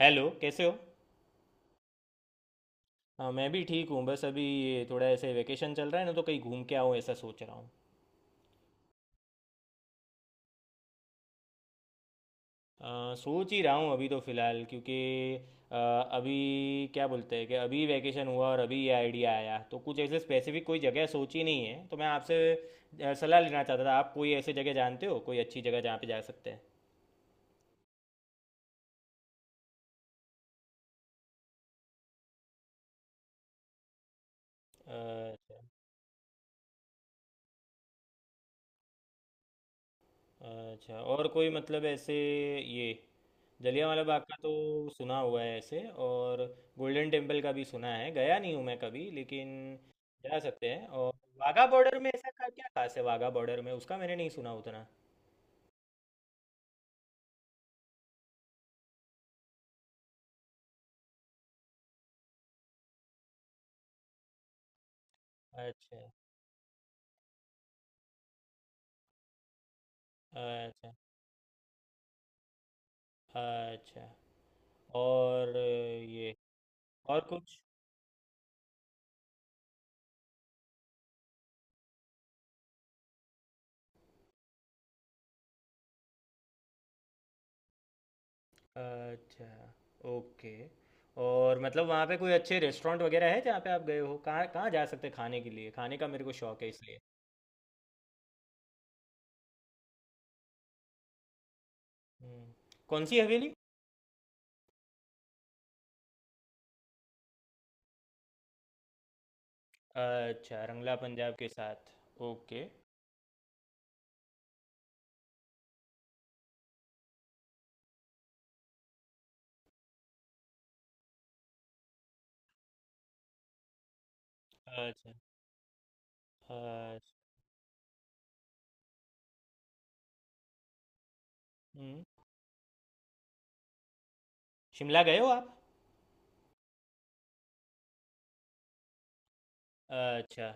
Hello कैसे हो। हाँ मैं भी ठीक हूँ। बस अभी ये थोड़ा ऐसे वेकेशन चल रहा है ना, तो कहीं घूम के आऊँ ऐसा सोच रहा हूँ। सोच ही रहा हूँ अभी तो फ़िलहाल, क्योंकि अ, अभी क्या बोलते हैं कि अभी वेकेशन हुआ और अभी ये आइडिया आया, तो कुछ ऐसे स्पेसिफिक कोई जगह सोची नहीं है। तो मैं आपसे सलाह लेना चाहता था। आप कोई ऐसे जगह जानते हो कोई अच्छी जगह जहाँ पे जा सकते हैं? अच्छा और कोई मतलब ऐसे ये? जलियांवाला बाग का तो सुना हुआ है ऐसे। और गोल्डन टेम्पल का भी सुना है, गया नहीं हूँ मैं कभी, लेकिन जा सकते हैं। और वाघा बॉर्डर में ऐसा का क्या खास है? वाघा बॉर्डर में उसका मैंने नहीं सुना उतना। अच्छा। अच्छा। अच्छा और ये? और कुछ? अच्छा, ओके। और मतलब वहाँ पे कोई अच्छे रेस्टोरेंट वगैरह है जहाँ पे आप गए हो? कहाँ कहाँ जा सकते हैं खाने के लिए? खाने का मेरे को शौक है इसलिए। हम्म, कौन सी हवेली? अच्छा, रंगला पंजाब के साथ। ओके। अच्छा। अच्छा। हम्म। शिमला गए हो आप? अच्छा।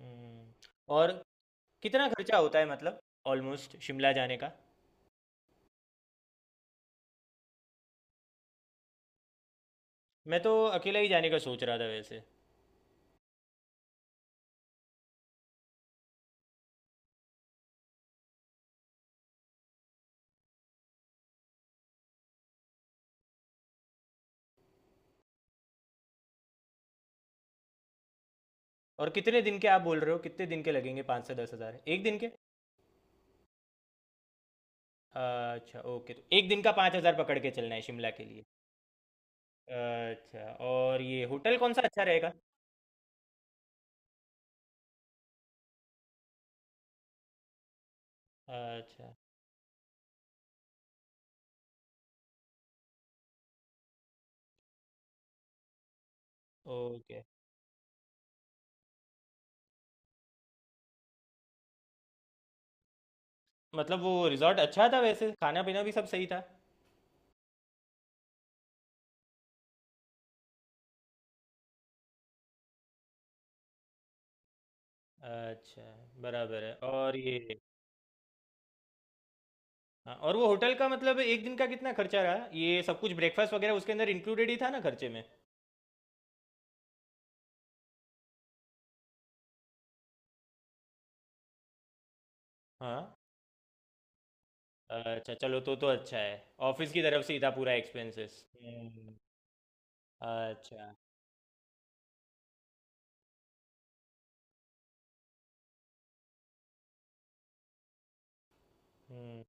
हम्म। और कितना खर्चा होता है मतलब ऑलमोस्ट शिमला जाने का? मैं तो अकेला ही जाने का सोच रहा था वैसे। और कितने दिन के आप बोल रहे हो? कितने दिन के लगेंगे 5 से 10 हज़ार, एक दिन के? अच्छा ओके, तो एक दिन का 5 हज़ार पकड़ के चलना है शिमला के लिए। अच्छा, और ये होटल कौन सा अच्छा रहेगा? अच्छा। ओके। मतलब वो रिजॉर्ट अच्छा था वैसे? खाना पीना भी सब सही था? अच्छा, बराबर है। और ये? हाँ, और वो होटल का मतलब एक दिन का कितना खर्चा रहा? ये सब कुछ ब्रेकफास्ट वगैरह उसके अंदर इंक्लूडेड ही था ना खर्चे में? हाँ। अच्छा चलो, तो अच्छा है। ऑफिस की तरफ से ही था पूरा एक्सपेंसेस। हम्म। अच्छा। हम्म,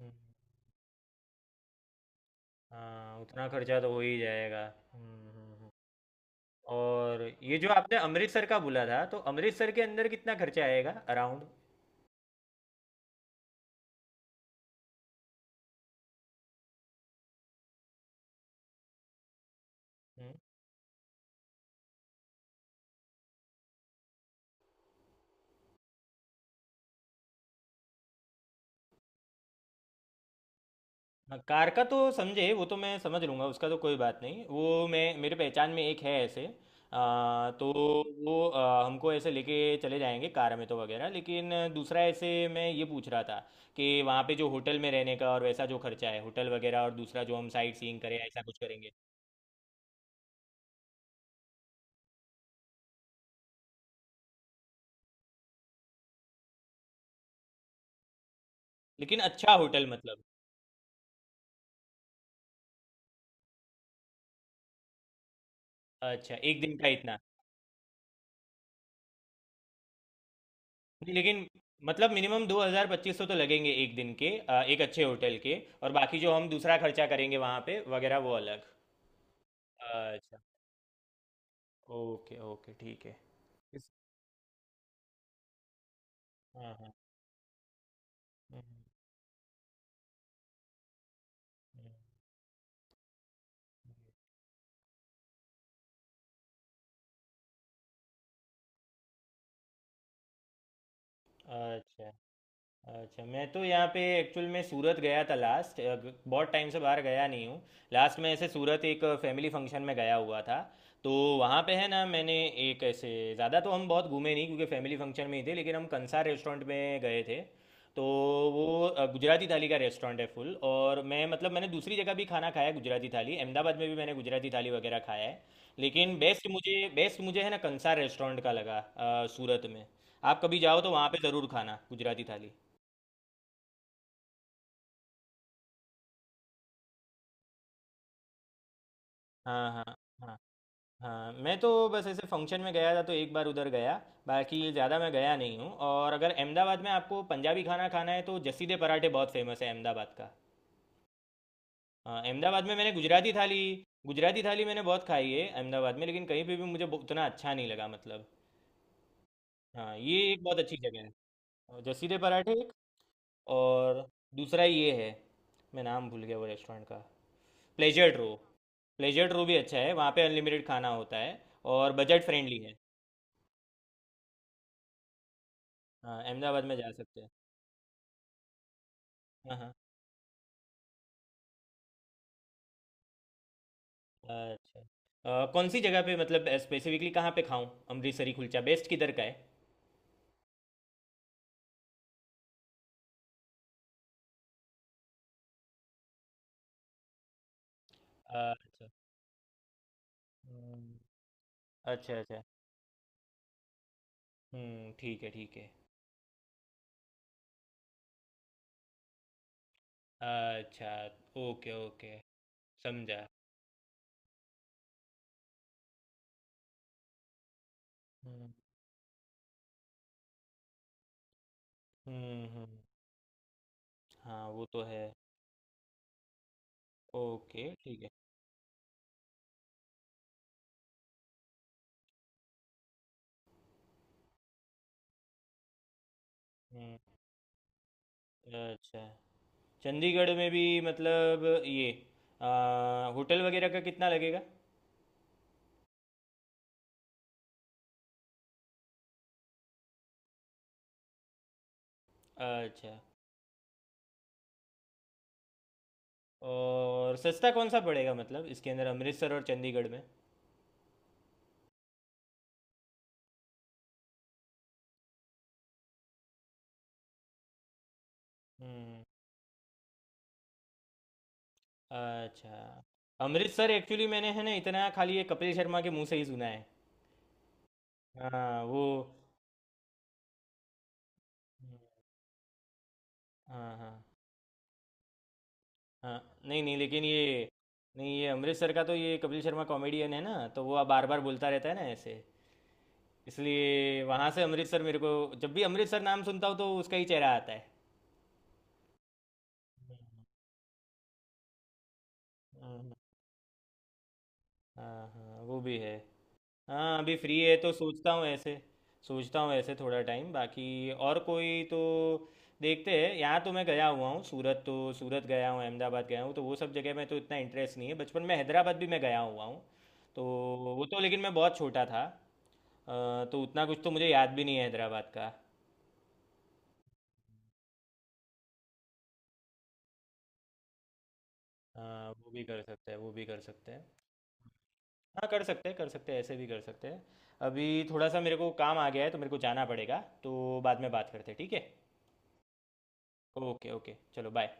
हम्म, हाँ उतना खर्चा तो हो ही जाएगा। हम्म, और ये जो आपने अमृतसर का बोला था तो अमृतसर के अंदर कितना खर्चा आएगा अराउंड? हाँ, कार का तो समझे, वो तो मैं समझ लूँगा, उसका तो कोई बात नहीं। वो मैं मेरे पहचान में एक है ऐसे। तो वो हमको ऐसे लेके चले जाएंगे कार में तो वगैरह, लेकिन दूसरा ऐसे मैं ये पूछ रहा था कि वहाँ पे जो होटल में रहने का और वैसा जो खर्चा है होटल वगैरह, और दूसरा जो हम साइट सीइंग करें ऐसा कुछ करेंगे। लेकिन अच्छा होटल मतलब? अच्छा एक दिन का इतना? नहीं, लेकिन मतलब मिनिमम 2 हज़ार 2500 तो लगेंगे एक दिन के, एक अच्छे होटल के? और बाकी जो हम दूसरा खर्चा करेंगे वहाँ पे वगैरह, वो अलग? अच्छा। ओके ओके, ठीक है। हाँ हाँ। हम्म, हम्म, हम्म। हम्म। अच्छा। अच्छा। मैं तो यहाँ पे एक्चुअल में सूरत गया था लास्ट। बहुत टाइम से बाहर गया नहीं हूँ। लास्ट में ऐसे सूरत एक फैमिली फंक्शन में गया हुआ था। तो वहाँ पे है ना मैंने एक ऐसे, ज़्यादा तो हम बहुत घूमे नहीं क्योंकि फैमिली फंक्शन में ही थे, लेकिन हम कंसार रेस्टोरेंट में गए थे। तो वो गुजराती थाली का रेस्टोरेंट है फुल। और मैं मतलब मैंने दूसरी जगह भी खाना खाया है, गुजराती थाली अहमदाबाद में भी मैंने गुजराती थाली वगैरह खाया है। लेकिन बेस्ट मुझे है ना कंसार रेस्टोरेंट का लगा सूरत में। आप कभी जाओ तो वहाँ पे ज़रूर खाना गुजराती थाली। हाँ हाँ। हाँ। हाँ मैं तो बस ऐसे फंक्शन में गया था तो एक बार उधर गया। बाकी ज़्यादा मैं गया नहीं हूँ। और अगर अहमदाबाद में आपको पंजाबी खाना खाना है तो जसीदे पराठे बहुत फेमस है अहमदाबाद का। हाँ, अहमदाबाद में मैंने गुजराती थाली, गुजराती थाली मैंने बहुत खाई है अहमदाबाद में, लेकिन कहीं पे भी मुझे उतना अच्छा नहीं लगा मतलब। हाँ ये एक बहुत अच्छी जगह है। और जसीदे पराठे एक। और दूसरा ये है, मैं नाम भूल गया वो रेस्टोरेंट का। Pleasure Trove. प्लेजर ड्रो भी अच्छा है, वहाँ पे अनलिमिटेड खाना होता है। और बजट फ्रेंडली है। हाँ अहमदाबाद में जा सकते हैं। हाँ हाँ। अच्छा, कौन सी जगह पे मतलब स्पेसिफिकली कहाँ पे खाऊं? अमृतसरी कुलचा बेस्ट किधर का है? अच्छा। हम्म, अच्छा अच्छा। हम्म, ठीक है ठीक है। अच्छा। Okay okay. समझा। हम्म, हम्म, हाँ वो तो है। ओके ठीक है। हम्म। अच्छा। चंडीगढ़ में भी मतलब ये होटल वगैरह का कितना लगेगा? अच्छा। और सस्ता कौन सा पड़ेगा मतलब इसके अंदर, अमृतसर और चंडीगढ़? हम्म। अच्छा। अमृतसर एक्चुअली मैंने है ना इतना खाली ये कपिल शर्मा के मुंह से ही सुना है। हाँ वो। हाँ हाँ। हाँ नहीं नहीं लेकिन ये, नहीं ये अमृतसर का तो, ये कपिल शर्मा कॉमेडियन है ना तो वो बार बार बोलता रहता है ना ऐसे। इसलिए वहाँ से अमृतसर मेरे को, जब भी अमृतसर नाम सुनता हूँ तो उसका ही चेहरा आता है। हम्म, हाँ हाँ वो भी है। हाँ अभी फ्री है तो सोचता हूँ ऐसे। सोचता हूँ ऐसे थोड़ा टाइम बाकी। और कोई तो, देखते हैं। यहाँ तो मैं गया हुआ हूँ सूरत, तो सूरत गया हूँ, अहमदाबाद गया हूँ, तो वो सब जगह में तो इतना इंटरेस्ट नहीं है। बचपन में हैदराबाद भी मैं गया हुआ हूँ, तो वो तो लेकिन मैं बहुत छोटा था। तो उतना कुछ तो मुझे याद भी नहीं है हैदराबाद का। हाँ वो भी कर सकते हैं वो भी कर सकते हैं। हाँ कर सकते हैं ऐसे भी कर सकते हैं। अभी थोड़ा सा मेरे को काम आ गया है तो मेरे को जाना पड़ेगा, तो बाद में बात करते हैं ठीक है? ओके ओके चलो बाय।